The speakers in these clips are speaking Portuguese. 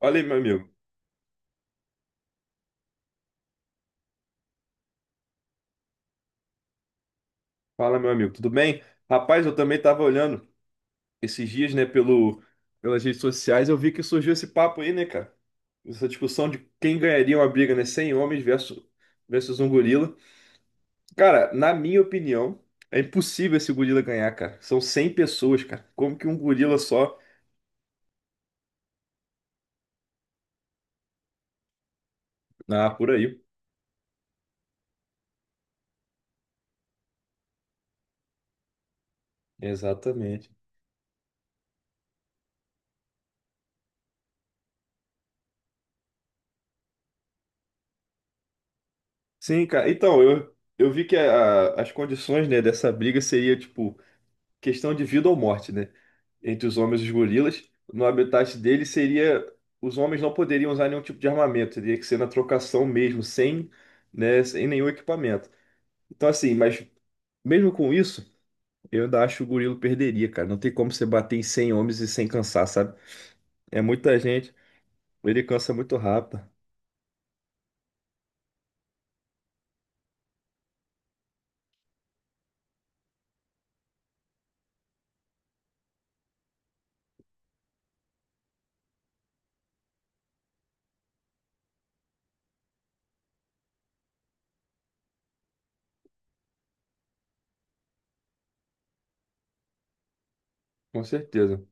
Olha aí, meu amigo. Fala, meu amigo, tudo bem? Rapaz, eu também tava olhando esses dias, né, pelas redes sociais, eu vi que surgiu esse papo aí, né, cara? Essa discussão de quem ganharia uma briga, né? 100 homens versus um gorila. Cara, na minha opinião, é impossível esse gorila ganhar, cara. São 100 pessoas, cara. Como que um gorila só? Ah, por aí. Exatamente. Sim, cara. Então, eu vi que as condições, né, dessa briga seria, tipo, questão de vida ou morte, né? Entre os homens e os gorilas. No habitat dele seria. Os homens não poderiam usar nenhum tipo de armamento, teria que ser na trocação mesmo, sem, né, sem nenhum equipamento. Então, assim, mas mesmo com isso, eu ainda acho que o gorila perderia, cara. Não tem como você bater em 100 homens e sem cansar, sabe? É muita gente, ele cansa muito rápido, com certeza.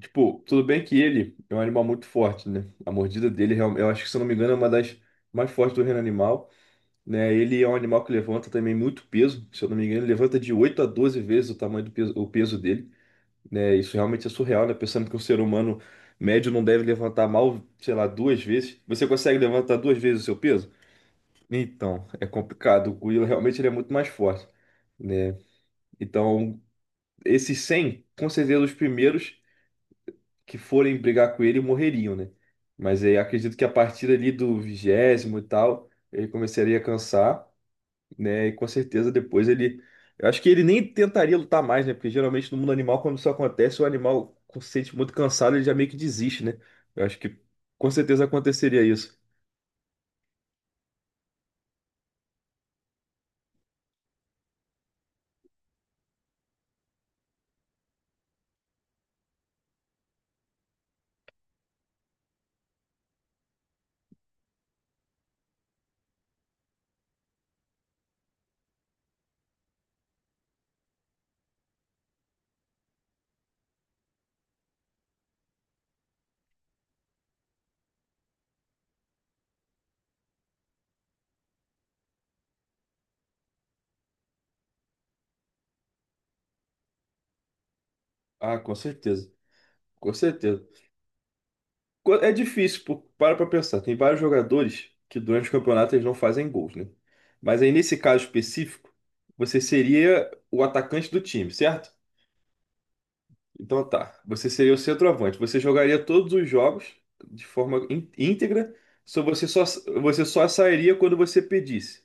Tipo, tudo bem que ele é um animal muito forte, né? A mordida dele, eu acho que, se eu não me engano, é uma das mais fortes do reino animal, né? Ele é um animal que levanta também muito peso, se eu não me engano, ele levanta de 8 a 12 vezes o peso dele, né? Isso realmente é surreal, né? Pensando que um ser humano médio não deve levantar mal, sei lá, 2 vezes. Você consegue levantar 2 vezes o seu peso? Então, é complicado. O gorila realmente ele é muito mais forte, né? Então, esses 100 com certeza os primeiros que forem brigar com ele morreriam, né? Mas aí acredito que a partir ali do 20º e tal, ele começaria a cansar, né? E com certeza depois ele. Eu acho que ele nem tentaria lutar mais, né? Porque geralmente no mundo animal, quando isso acontece, o animal se sente muito cansado, ele já meio que desiste, né? Eu acho que com certeza aconteceria isso. Ah, com certeza. Com certeza. É difícil, pô, para pra pensar. Tem vários jogadores que durante o campeonato eles não fazem gols, né? Mas aí nesse caso específico, você seria o atacante do time, certo? Então tá, você seria o centroavante. Você jogaria todos os jogos de forma íntegra, só você só, você só sairia quando você pedisse.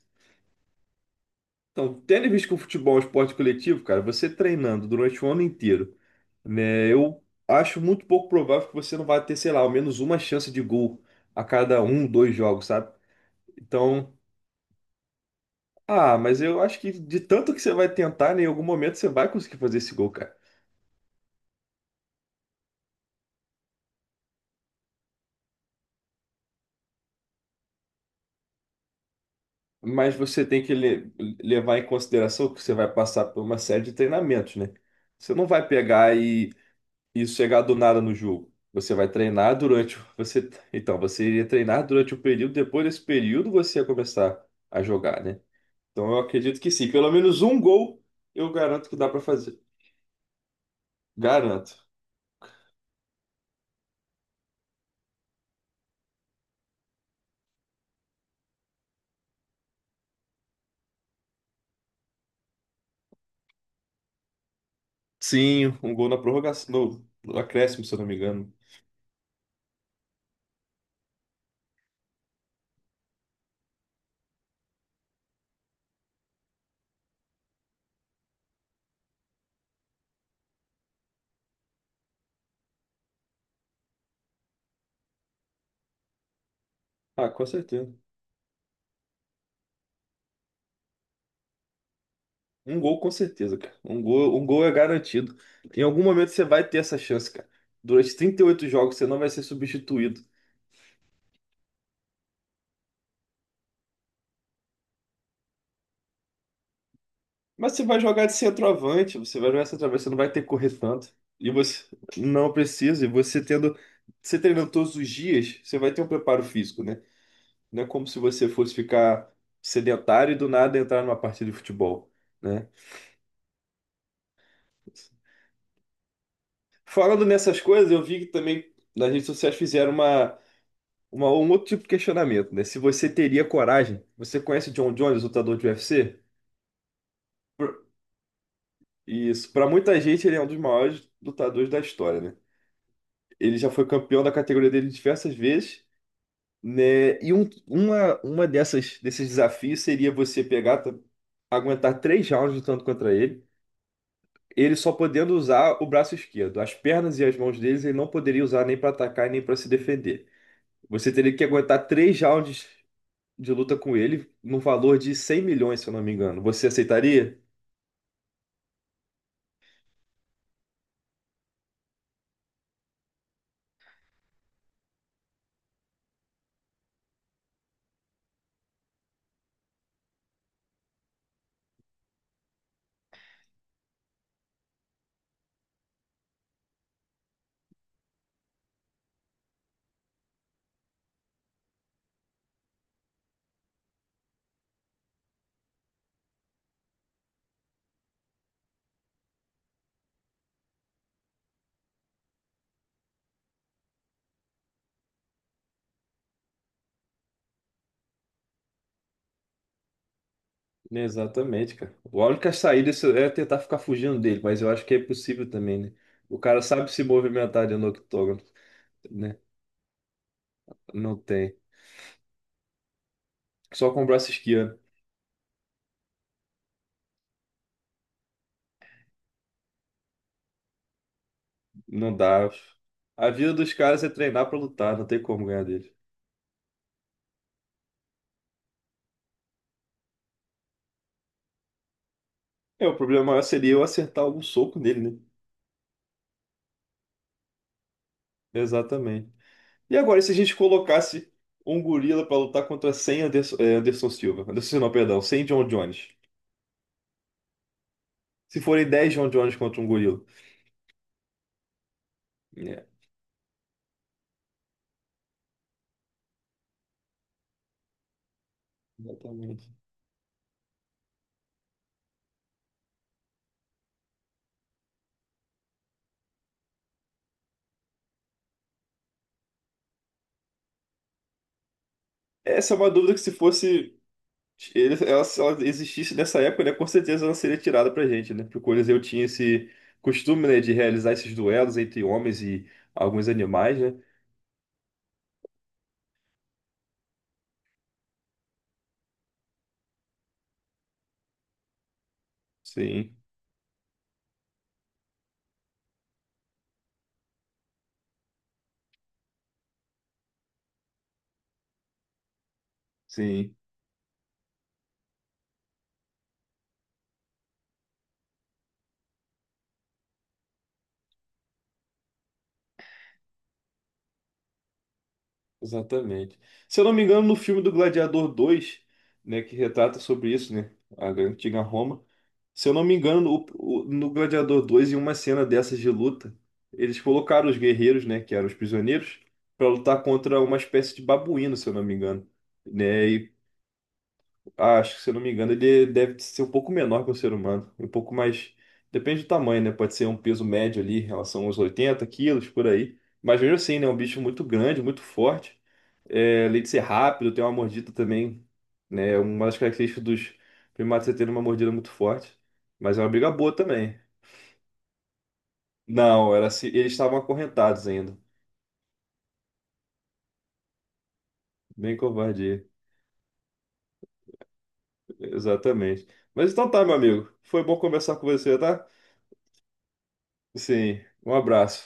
Então, tendo em vista que o futebol é um esporte coletivo, cara, você treinando durante o ano inteiro, né? Eu acho muito pouco provável que você não vai ter, sei lá, ao menos uma chance de gol a cada um, dois jogos, sabe? Então, ah, mas eu acho que de tanto que você vai tentar, né, em algum momento você vai conseguir fazer esse gol, cara. Mas você tem que levar em consideração que você vai passar por uma série de treinamentos, né? Você não vai pegar e chegar do nada no jogo. Você vai treinar durante. Você iria treinar durante o período, depois desse período você ia começar a jogar, né? Então eu acredito que sim. Pelo menos um gol eu garanto que dá pra fazer. Garanto. Sim, um gol na prorrogação, no acréscimo, se eu não me engano. Ah, com certeza. Um gol com certeza, cara. Um gol é garantido. Em algum momento você vai ter essa chance, cara. Durante 38 jogos você não vai ser substituído. Mas você vai jogar de centroavante, você vai jogar de centroavante, você não vai ter que correr tanto. E você não precisa, você treinando todos os dias, você vai ter um preparo físico, né? Não é como se você fosse ficar sedentário e do nada entrar numa partida de futebol, né? Falando nessas coisas, eu vi que também nas redes sociais fizeram uma um outro tipo de questionamento, né? Se você teria coragem, você conhece o John Jones, lutador de UFC? Por- Isso, para muita gente ele é um dos maiores lutadores da história, né? Ele já foi campeão da categoria dele diversas vezes, né? E um, uma dessas desses desafios seria você pegar, aguentar 3 rounds lutando contra ele, ele só podendo usar o braço esquerdo, as pernas e as mãos deles ele não poderia usar nem para atacar e nem para se defender. Você teria que aguentar 3 rounds de luta com ele no valor de 100 milhões, se eu não me engano. Você aceitaria? Exatamente, cara. A única saída é tentar ficar fugindo dele, mas eu acho que é possível também, né? O cara sabe se movimentar dentro do octógono, né? Não tem. Só com o braço esquerdo. Não dá. A vida dos caras é treinar pra lutar, não tem como ganhar dele. É, o problema maior seria eu acertar algum soco nele, né? Exatamente. E agora, e se a gente colocasse um gorila pra lutar contra 100 Anderson, Anderson Silva? Anderson, não, perdão, 100 John Jones. Se forem 10 John Jones contra um gorila. É, exatamente. Essa é uma dúvida que se fosse. Ela, se ela existisse nessa época, né, com certeza ela seria tirada pra gente, né? Porque o Coliseu tinha esse costume, né, de realizar esses duelos entre homens e alguns animais, né? Sim, sim, exatamente. Se eu não me engano, no filme do Gladiador 2, né, que retrata sobre isso, né? A antiga Roma. Se eu não me engano, no Gladiador 2 em uma cena dessas de luta, eles colocaram os guerreiros, né, que eram os prisioneiros, para lutar contra uma espécie de babuíno, se eu não me engano, né? Ah, acho que, se eu não me engano, ele deve ser um pouco menor que o ser humano. Um pouco mais. Depende do tamanho, né? Pode ser um peso médio ali, em relação aos 80 quilos, por aí. Mas mesmo assim, né? É um bicho muito grande, muito forte. É, além de ser rápido, tem uma mordida também, né? Uma das características dos primatas é ter uma mordida muito forte. Mas é uma briga boa também. Não, era se eles estavam acorrentados ainda. Bem covardia. Exatamente. Mas então tá, meu amigo. Foi bom conversar com você, tá? Sim. Um abraço.